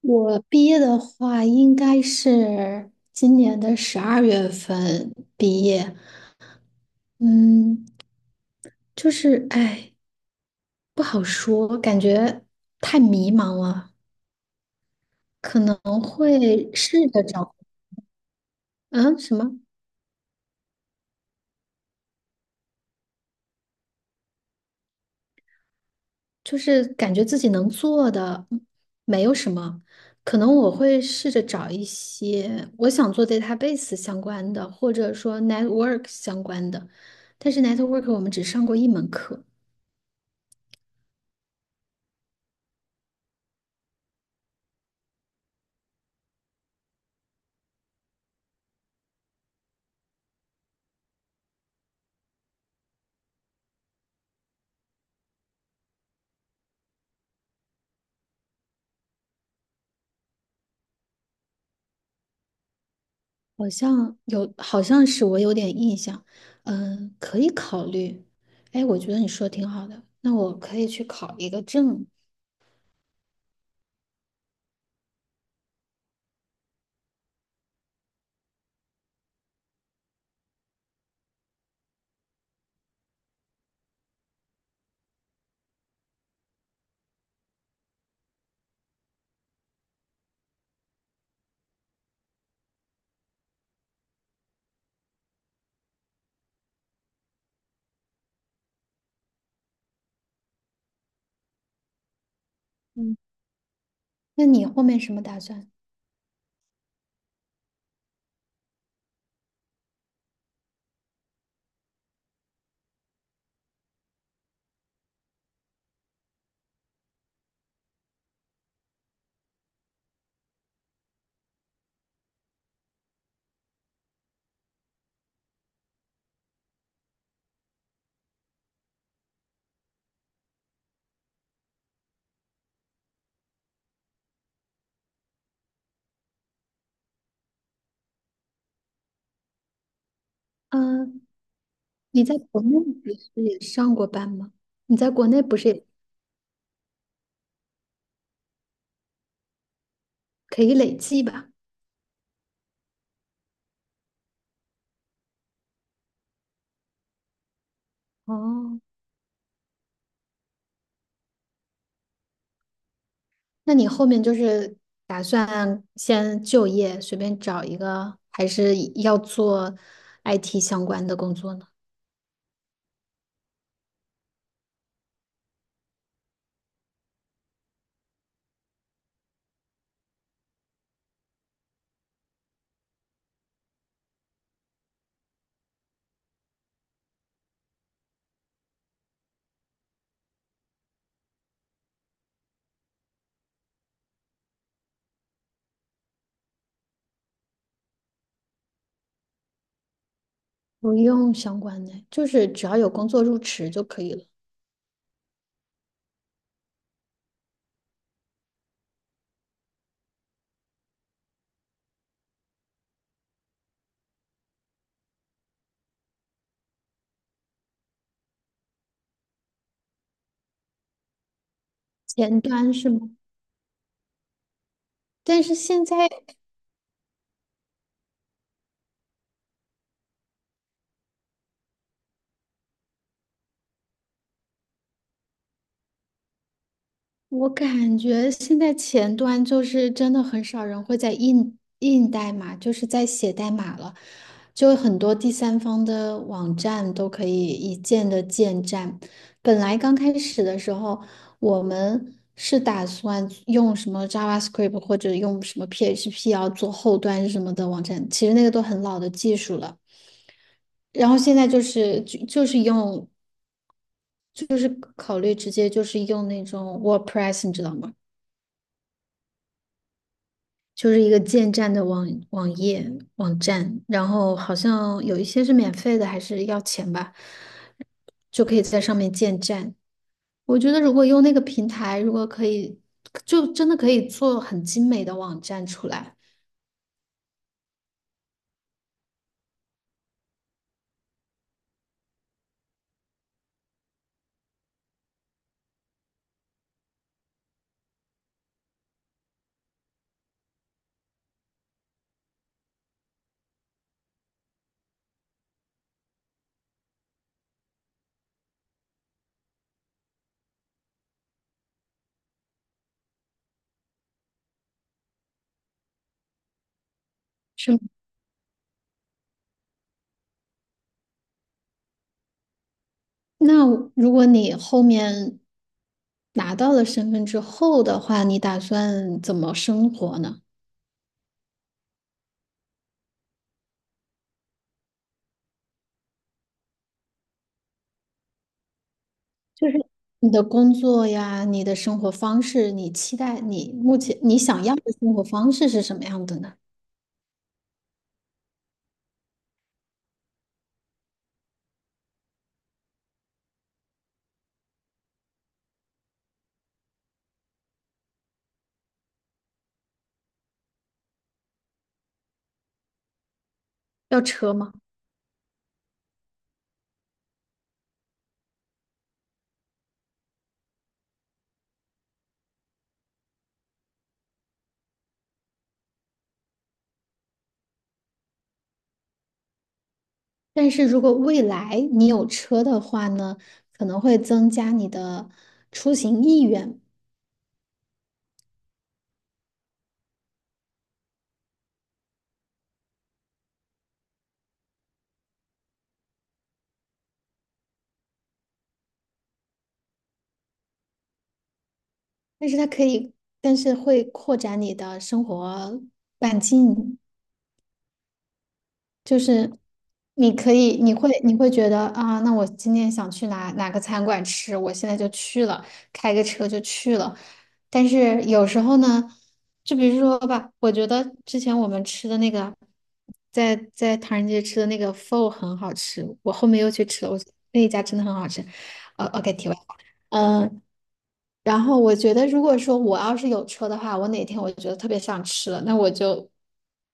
我毕业的话，应该是今年的12月份毕业。嗯，就是哎，不好说，感觉太迷茫了，可能会试着找，嗯，什么，就是感觉自己能做的没有什么，可能我会试着找一些我想做 database 相关的，或者说 network 相关的，但是 network 我们只上过一门课。好像有，好像是我有点印象，嗯，可以考虑。哎，我觉得你说的挺好的，那我可以去考一个证。嗯，那你后面什么打算？嗯，你在国内不是也上过班吗？你在国内不是也可以累计吧？哦，那你后面就是打算先就业，随便找一个，还是要做 IT 相关的工作呢？不用相关的，就是只要有工作入职就可以了。前端是吗？但是现在我感觉现在前端就是真的很少人会在印代码，就是在写代码了，就很多第三方的网站都可以一键的建站。本来刚开始的时候，我们是打算用什么 JavaScript 或者用什么 PHP 要做后端什么的网站，其实那个都很老的技术了。然后现在就是就就是用就是考虑直接就是用那种 WordPress,你知道吗？就是一个建站的网页网站，然后好像有一些是免费的，还是要钱吧，就可以在上面建站。我觉得如果用那个平台，如果可以，就真的可以做很精美的网站出来。是吗？那如果你后面拿到了身份之后的话，你打算怎么生活呢？就是你的工作呀，你的生活方式，你期待你目前你想要的生活方式是什么样的呢？要车吗？但是如果未来你有车的话呢，可能会增加你的出行意愿，但是它可以，但是会扩展你的生活半径，就是你可以，你会觉得啊，那我今天想去哪个餐馆吃，我现在就去了，开个车就去了。但是有时候呢，就比如说吧，我觉得之前我们吃的那个，在唐人街吃的那个 pho 很好吃，我后面又去吃了，那一家真的很好吃。OK,提问，嗯、然后我觉得，如果说我要是有车的话，我哪天我觉得特别想吃了，那我就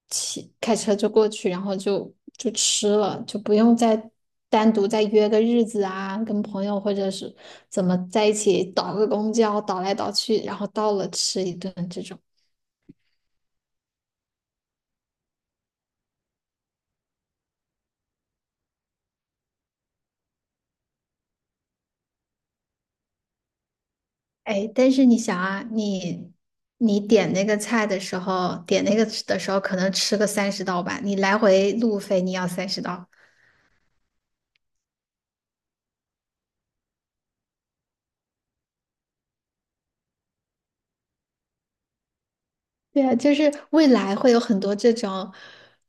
开车就过去，然后就吃了，就不用再单独再约个日子啊，跟朋友或者是怎么在一起倒个公交，倒来倒去，然后到了吃一顿这种。哎，但是你想啊，你你点那个菜的时候，点那个的时候可能吃个三十刀吧，你来回路费你要三十刀，对啊，就是未来会有很多这种，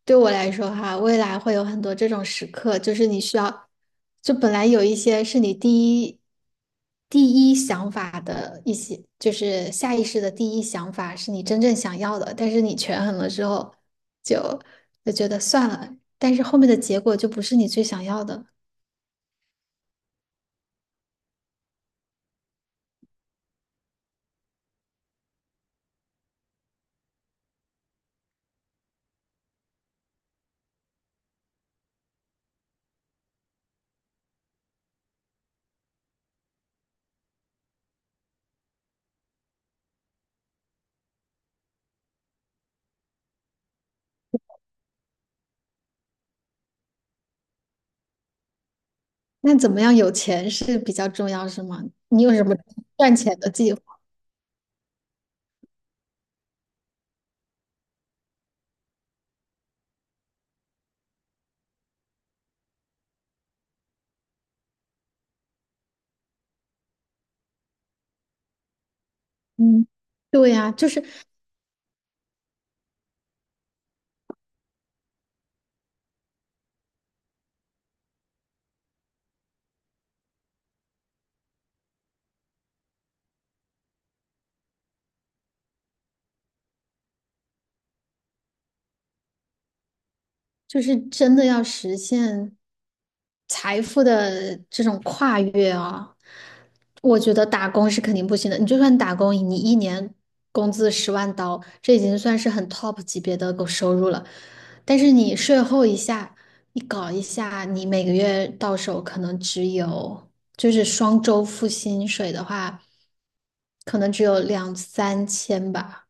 对我来说哈，未来会有很多这种时刻，就是你需要，就本来有一些是你第一想法的一些，就是下意识的第一想法是你真正想要的，但是你权衡了之后就就觉得算了，但是后面的结果就不是你最想要的。那怎么样有钱是比较重要，是吗？你有什么赚钱的计划？嗯。对呀，就是真的要实现财富的这种跨越啊，我觉得打工是肯定不行的。你就算打工，你一年工资10万刀，这已经算是很 top 级别的狗收入了。但是你税后一下，你搞一下，你每个月到手可能只有，就是双周付薪水的话，可能只有两三千吧。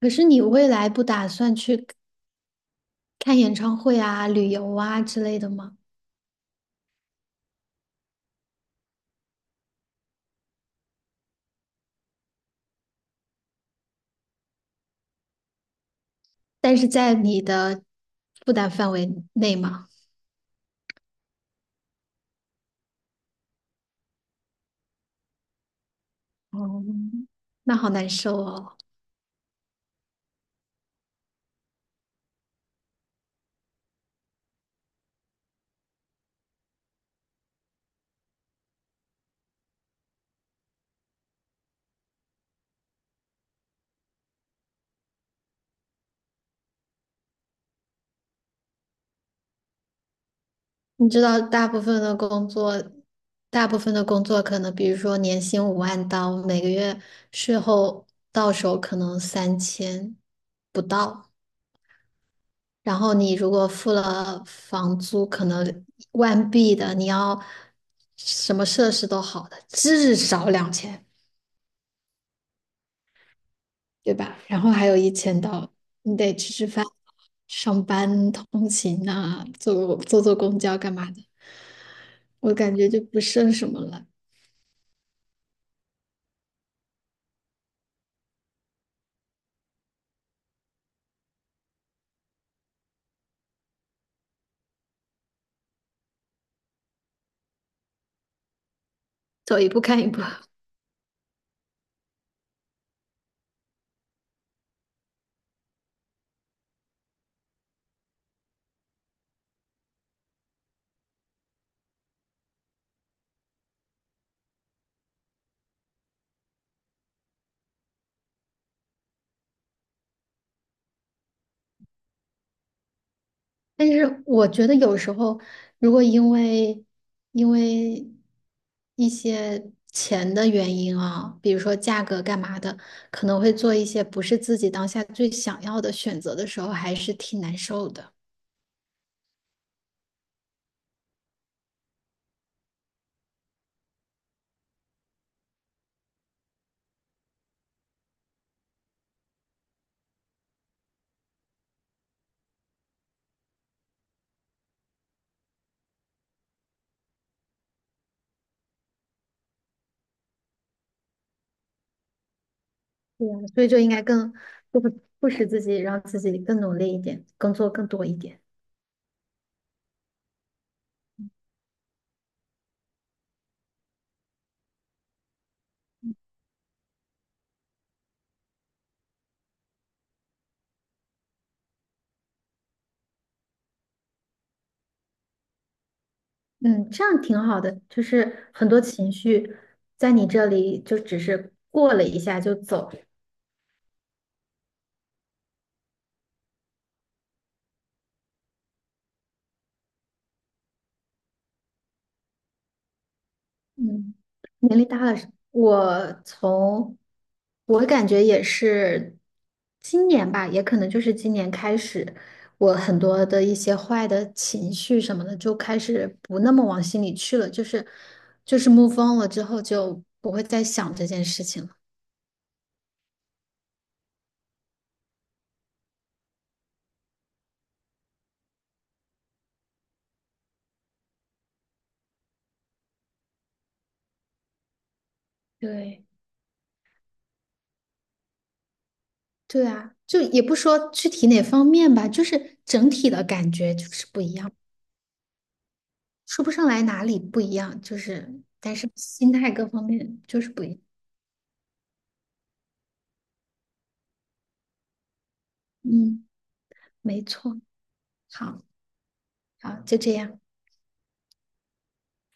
可是你未来不打算去？看演唱会啊、旅游啊之类的吗？但是在你的负担范围内吗？哦，那好难受哦。你知道，大部分的工作可能，比如说年薪5万刀，每个月税后到手可能三千不到。然后你如果付了房租，可能万币的，你要什么设施都好的，至少2000。对吧？然后还有1000刀，你得吃吃饭、上班、通勤啊，坐公交干嘛的，我感觉就不剩什么了，走一步看一步。但是我觉得有时候，如果因为一些钱的原因啊，比如说价格干嘛的，可能会做一些不是自己当下最想要的选择的时候，还是挺难受的。对啊，所以就应该更不不使自己，让自己更努力一点，工作更多一点。嗯，这样挺好的。就是很多情绪在你这里就只是过了一下就走，嗯，年龄大了是，我感觉也是今年吧，也可能就是今年开始，我很多的一些坏的情绪什么的就开始不那么往心里去了，就是 move on 了之后就不会再想这件事情了。对，对啊，就也不说具体哪方面吧，就是整体的感觉就是不一样，说不上来哪里不一样，就是但是心态各方面就是不一样。嗯。没错，好，好，就这样。